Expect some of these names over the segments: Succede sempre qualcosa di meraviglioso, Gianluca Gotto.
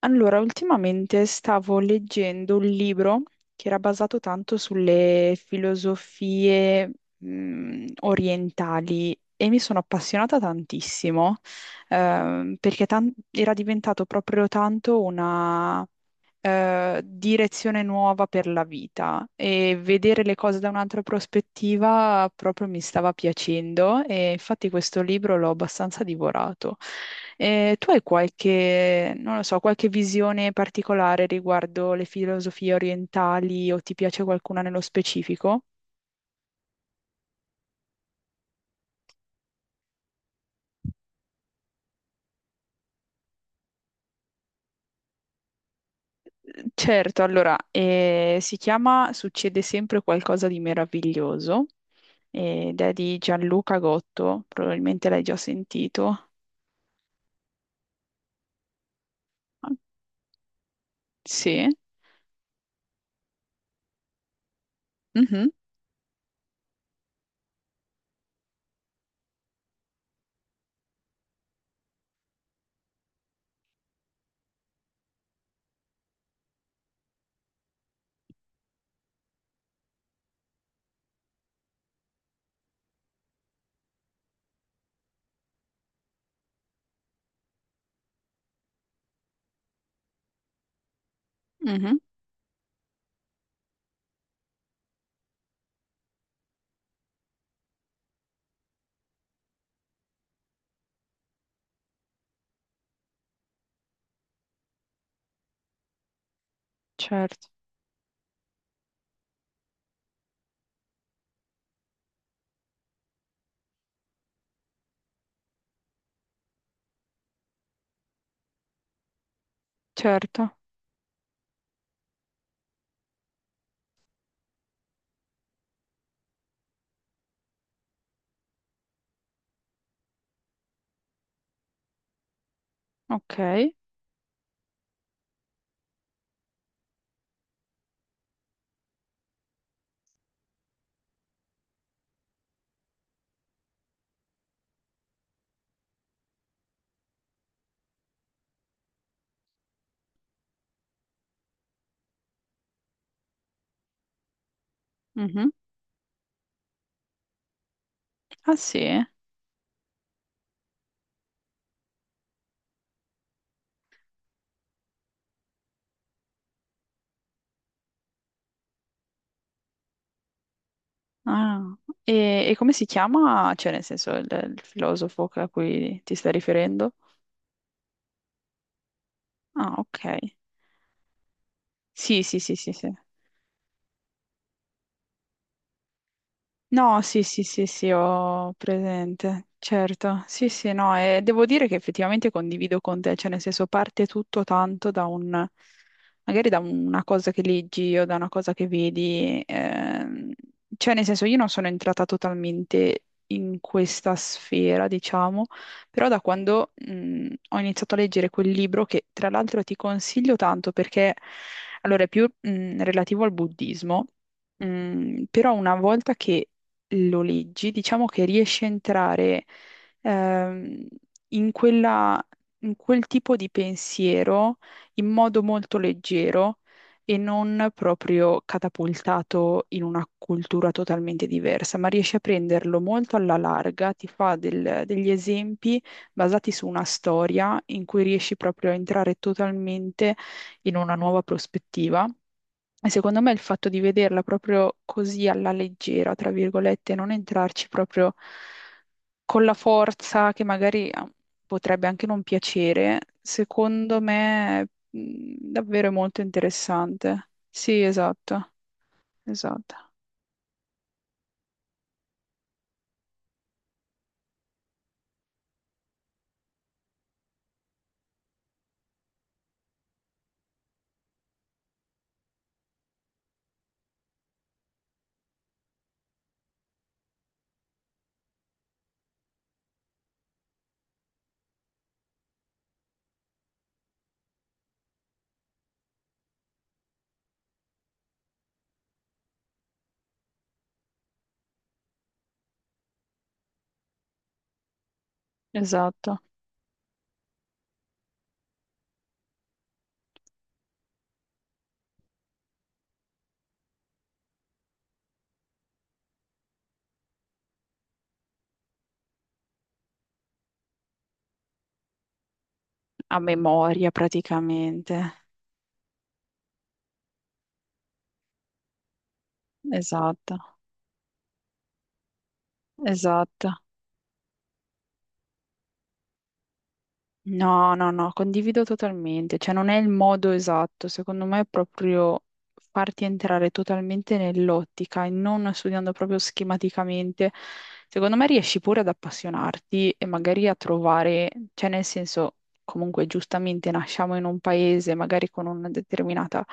Allora, ultimamente stavo leggendo un libro che era basato tanto sulle filosofie, orientali, e mi sono appassionata tantissimo, perché era diventato proprio tanto direzione nuova per la vita, e vedere le cose da un'altra prospettiva proprio mi stava piacendo, e infatti questo libro l'ho abbastanza divorato. Tu hai qualche, non lo so, qualche visione particolare riguardo le filosofie orientali, o ti piace qualcuna nello specifico? Certo, allora, si chiama Succede sempre qualcosa di meraviglioso, ed è di Gianluca Gotto, probabilmente l'hai già sentito. Sì, mhm, mhm, certo, certo, ok. Mhm. Ah sì? Ah, e, come si chiama, cioè nel senso il filosofo a cui ti stai riferendo? Ah, ok. Sì, sì, sì, sì, sì. No, sì, sì, sì, sì, ho presente, certo. Sì, sì, no, e devo dire che effettivamente condivido con te, cioè nel senso parte tutto tanto da un, magari da una cosa che leggi o da una cosa che vedi, cioè nel senso io non sono entrata totalmente in questa sfera, diciamo, però da quando, ho iniziato a leggere quel libro, che tra l'altro ti consiglio tanto perché, allora, è più, relativo al buddismo. Mm, però una volta che lo leggi, diciamo che riesci a entrare ehm, in in quel tipo di pensiero in modo molto leggero, e non proprio catapultato in una cultura totalmente diversa, ma riesci a prenderlo molto alla larga, ti fa degli esempi basati su una storia in cui riesci proprio a entrare totalmente in una nuova prospettiva. E secondo me il fatto di vederla proprio così alla leggera, tra virgolette, non entrarci proprio con la forza che magari potrebbe anche non piacere, secondo me davvero è molto interessante. Sì, esatto, esatto, esatto. A memoria praticamente. Esatto, esatto. No, no, no, condivido totalmente, cioè non è il modo esatto, secondo me è proprio farti entrare totalmente nell'ottica, e non studiando proprio schematicamente, secondo me riesci pure ad appassionarti e magari a trovare, cioè nel senso, comunque giustamente nasciamo in un paese magari con una determinata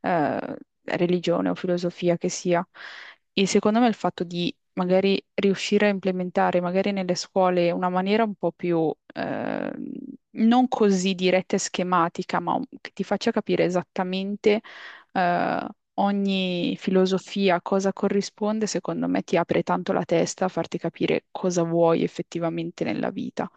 eh, religione o filosofia che sia. E secondo me il fatto di magari riuscire a implementare magari nelle scuole una maniera un po' più non così diretta e schematica, ma che ti faccia capire esattamente eh, ogni filosofia, cosa corrisponde, secondo me ti apre tanto la testa a farti capire cosa vuoi effettivamente nella vita.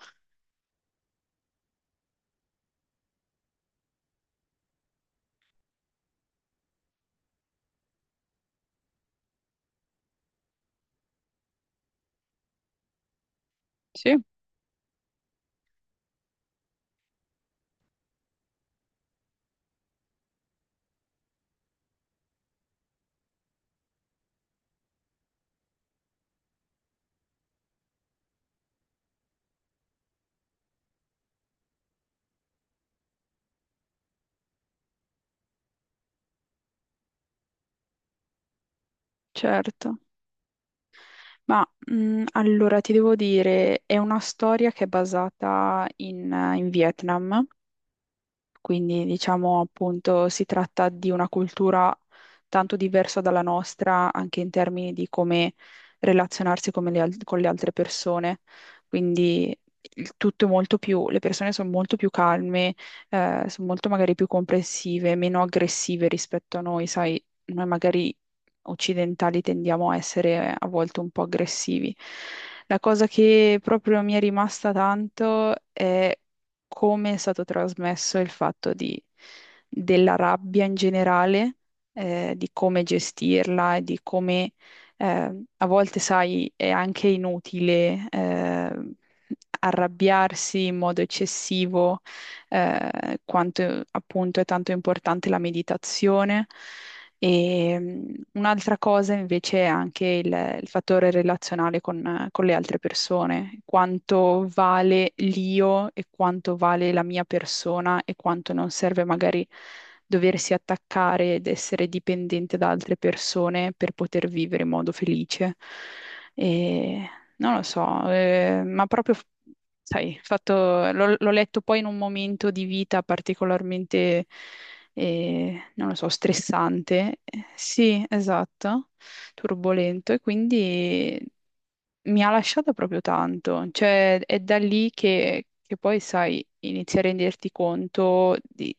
Sì, certo. Ma allora ti devo dire, è una storia che è basata in in Vietnam. Quindi, diciamo, appunto, si tratta di una cultura tanto diversa dalla nostra, anche in termini di come relazionarsi, come le con le altre persone. Quindi il tutto è molto più, le persone sono molto più calme, sono molto magari più comprensive, meno aggressive rispetto a noi, sai, noi magari occidentali tendiamo a essere a volte un po' aggressivi. La cosa che proprio mi è rimasta tanto è come è stato trasmesso il della rabbia in generale, di come gestirla e di come a volte, sai, è anche inutile arrabbiarsi in modo eccessivo, quanto appunto è tanto importante la meditazione. E un'altra cosa invece è anche il fattore relazionale con le altre persone, quanto vale l'io e quanto vale la mia persona, e quanto non serve magari doversi attaccare ed essere dipendente da altre persone per poter vivere in modo felice. E non lo so, ma proprio, sai, l'ho letto poi in un momento di vita particolarmente, e non lo so, stressante. Sì, esatto, turbolento, e quindi mi ha lasciato proprio tanto. Cioè, è da lì che poi, sai, inizi a renderti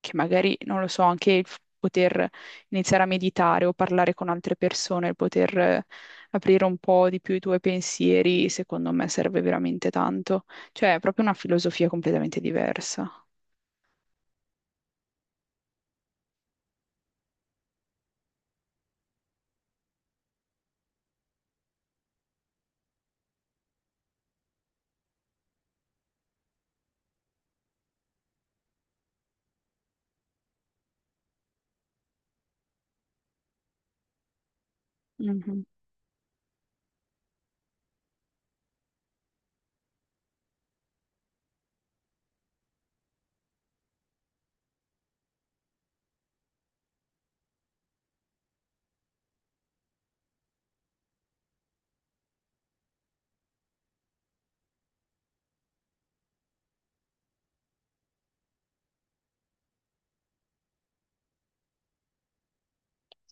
che magari, non lo so, anche poter iniziare a meditare o parlare con altre persone, il poter aprire un po' di più i tuoi pensieri, secondo me serve veramente tanto. Cioè, è proprio una filosofia completamente diversa. Mhm.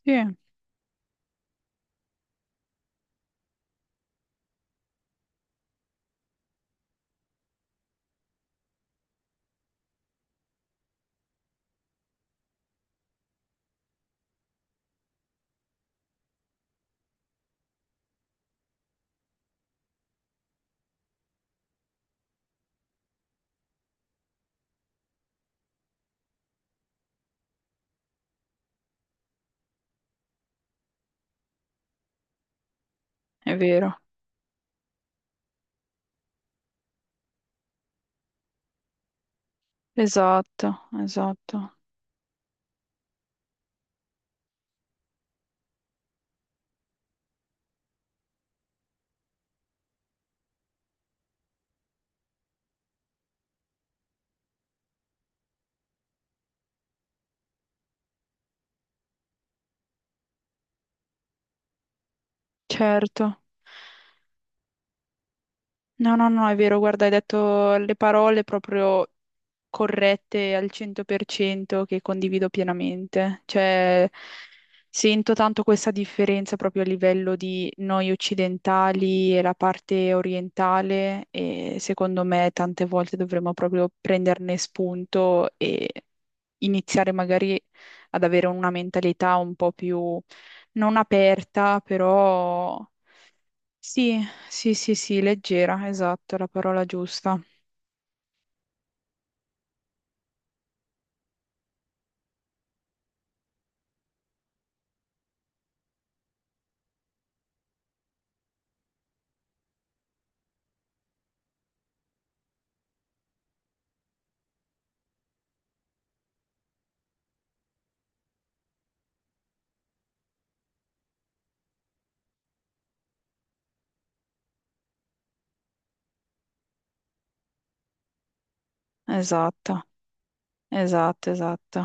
Sì, è vero. Esatto, esatto, certo. No, no, no, è vero, guarda, hai detto le parole proprio corrette al 100% che condivido pienamente. Cioè, sento tanto questa differenza proprio a livello di noi occidentali e la parte orientale, e secondo me tante volte dovremmo proprio prenderne spunto e iniziare magari ad avere una mentalità un po' più non aperta, però sì, sì, sì, sì, leggera, esatto, è la parola giusta. Esatto, esatto, esatto.